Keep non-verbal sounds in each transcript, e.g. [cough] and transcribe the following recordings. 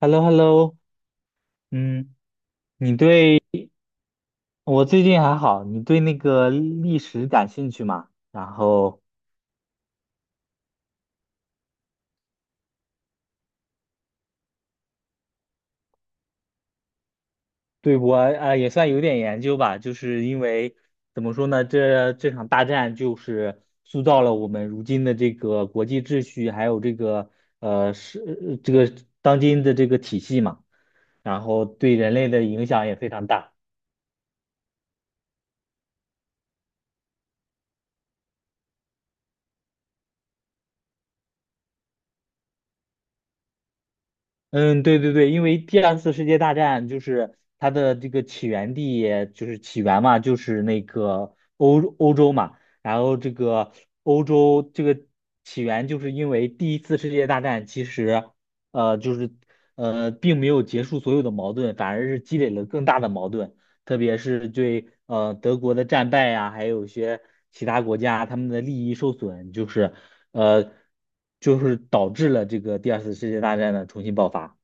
h e l l o h e l l o 嗯，你对我最近还好，你对那个历史感兴趣吗？然后对我也算有点研究吧，就是因为怎么说呢，这场大战就是塑造了我们如今的这个国际秩序，还有这个这个当今的这个体系嘛，然后对人类的影响也非常大。嗯，对对对，因为第二次世界大战就是它的这个起源地，就是起源嘛，就是那个欧洲嘛。然后这个欧洲这个起源，就是因为第一次世界大战其实，就是并没有结束所有的矛盾，反而是积累了更大的矛盾。特别是对德国的战败呀、还有一些其他国家他们的利益受损，就是呃导致了这个第二次世界大战的重新爆发。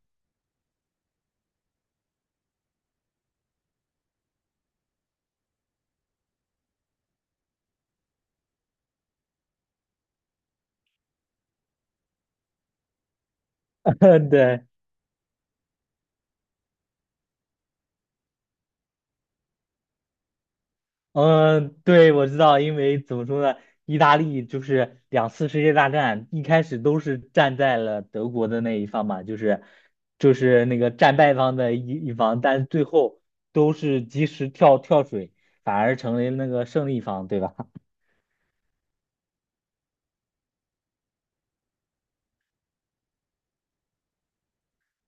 [laughs] 对。嗯，对，我知道，因为怎么说呢，意大利就是两次世界大战一开始都是站在了德国的那一方嘛，就是那个战败方的一方，但最后都是及时跳水，反而成为那个胜利方，对吧？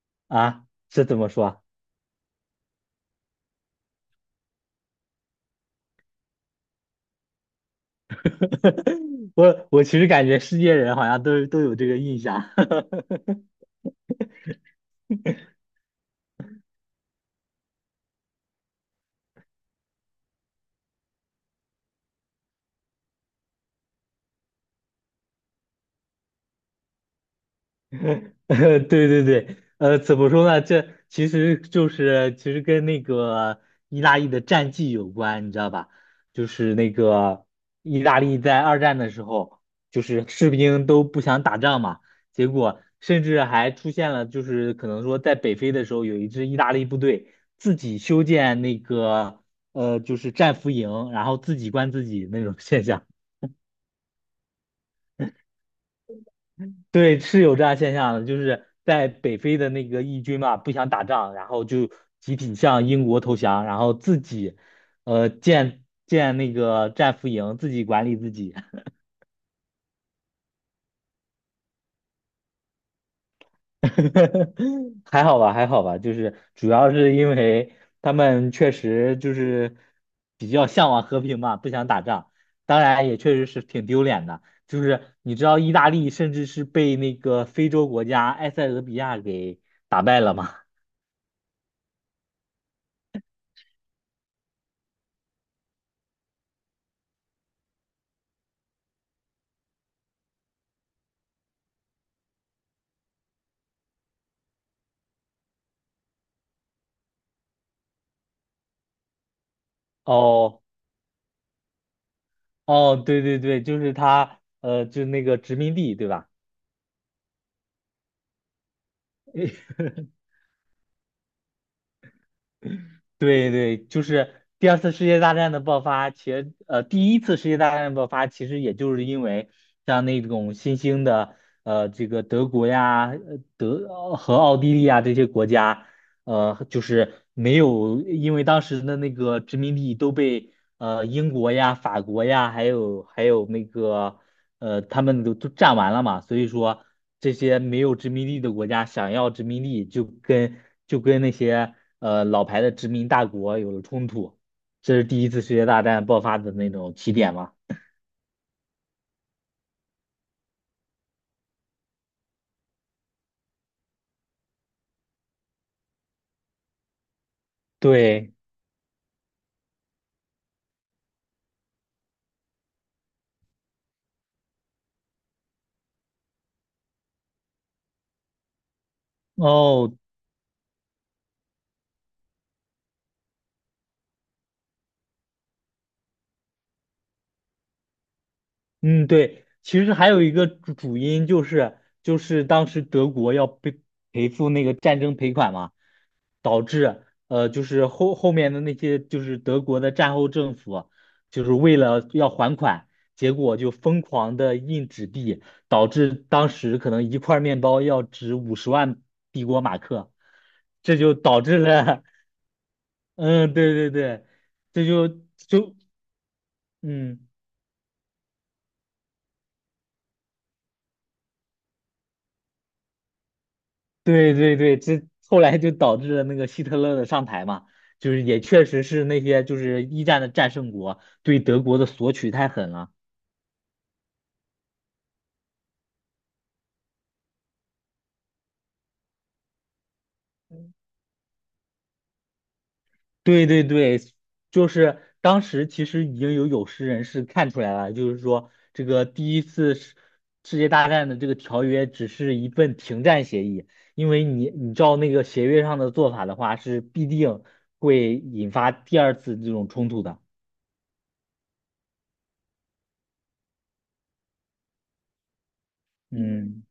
[laughs] 啊，这怎么说啊。 [laughs] 我其实感觉世界人好像都有这个印象。[laughs] 对对对，怎么说呢？这其实就是其实跟那个意大利的战绩有关，你知道吧？就是那个意大利在二战的时候，就是士兵都不想打仗嘛，结果甚至还出现了，就是可能说在北非的时候，有一支意大利部队自己修建那个就是战俘营，然后自己关自己那种现象。对，是有这样现象的，就是在北非的那个义军嘛，不想打仗，然后就集体向英国投降，然后自己，建那个战俘营，自己管理自己。[laughs] 还好吧，还好吧，就是主要是因为他们确实就是比较向往和平嘛，不想打仗，当然也确实是挺丢脸的，就是你知道意大利甚至是被那个非洲国家埃塞俄比亚给打败了吗？哦。哦，对对对，就是他，就那个殖民地，对吧？[laughs] 对对，就是第二次世界大战的爆发，其实第一次世界大战的爆发，其实也就是因为像那种新兴的这个德国呀、呃德呃和奥地利啊这些国家，就是没有因为当时的那个殖民地都被英国呀、法国呀，还有那个他们都占完了嘛，所以说这些没有殖民地的国家想要殖民地，就跟那些老牌的殖民大国有了冲突，这是第一次世界大战爆发的那种起点嘛。对。哦，嗯，对，其实还有一个主因就是当时德国要被赔付那个战争赔款嘛。导致就是后面的那些就是德国的战后政府，就是为了要还款，结果就疯狂的印纸币，导致当时可能一块面包要值50万帝国马克，这就导致了。[laughs] 嗯，对对对，这就嗯，对对对，这后来就导致了那个希特勒的上台嘛。就是也确实是那些就是一战的战胜国对德国的索取太狠了。对对对，就是当时其实已经有识人士看出来了，就是说这个第一次世界大战的这个条约只是一份停战协议，因为你照那个协约上的做法的话，是必定会引发第二次这种冲突的。嗯。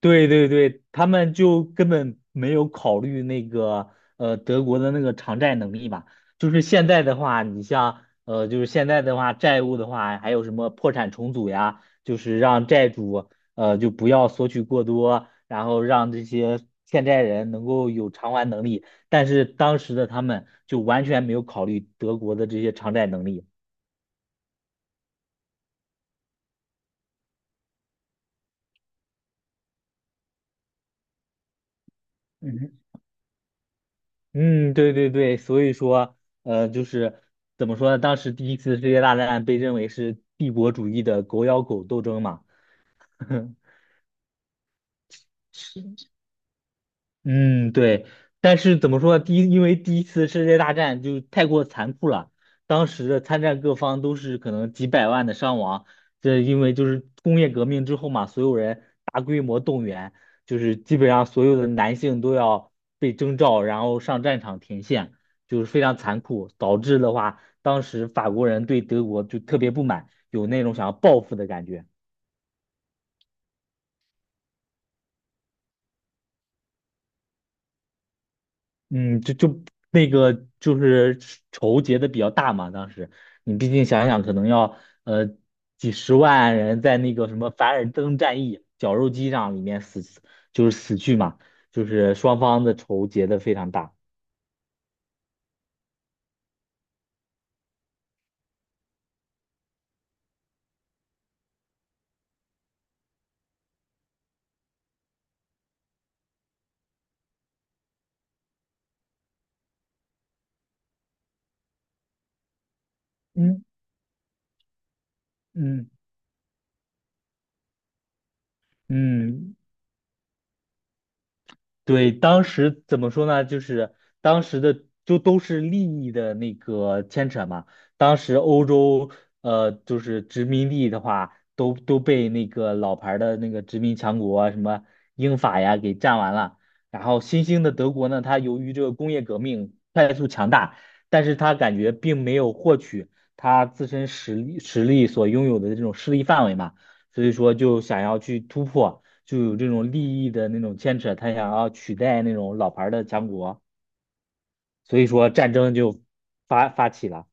对对对，他们就根本没有考虑那个德国的那个偿债能力吧。就是现在的话，你像就是现在的话，债务的话，还有什么破产重组呀，就是让债主就不要索取过多，然后让这些欠债人能够有偿还能力。但是当时的他们就完全没有考虑德国的这些偿债能力。嗯，对对对，所以说，就是怎么说呢？当时第一次世界大战被认为是帝国主义的狗咬狗斗争嘛。[laughs] 嗯，对，但是怎么说呢？第一，因为第一次世界大战就太过残酷了，当时的参战各方都是可能几百万的伤亡。这因为就是工业革命之后嘛，所有人大规模动员，就是基本上所有的男性都要被征召，然后上战场前线，就是非常残酷，导致的话，当时法国人对德国就特别不满，有那种想要报复的感觉。嗯，就那个就是仇结的比较大嘛，当时你毕竟想想，可能要呃几十万人在那个什么凡尔登战役绞肉机上里面死，就是死去嘛，就是双方的仇结的非常大。嗯嗯嗯，对，当时怎么说呢？就是当时的就都是利益的那个牵扯嘛。当时欧洲就是殖民地的话，都被那个老牌儿的那个殖民强国啊什么英法呀给占完了。然后新兴的德国呢，它由于这个工业革命。但是他感觉并没有获取他自身实力所拥有的这种势力范围嘛，所以说就想要去突破，就有这种利益的那种牵扯，他想要取代那种老牌儿的强国，所以说战争就发起了。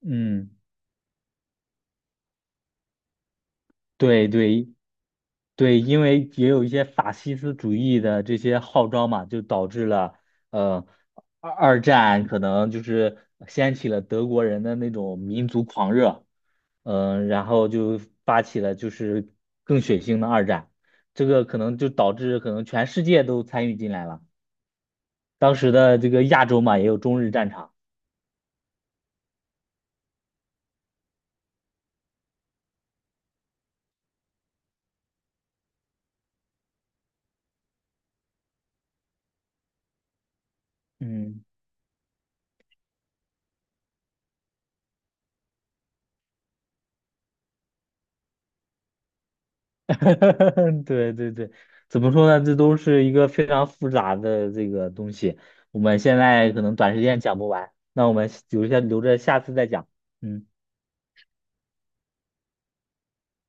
嗯，对对，对，因为也有一些法西斯主义的这些号召嘛，就导致了呃二战可能就是掀起了德国人的那种民族狂热，嗯、然后就发起了就是更血腥的二战，这个可能就导致可能全世界都参与进来了。当时的这个亚洲嘛，也有中日战场，嗯。[laughs] 对对对，怎么说呢？这都是一个非常复杂的这个东西，我们现在可能短时间讲不完，那我们留着下次再讲。嗯，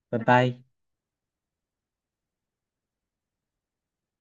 拜拜。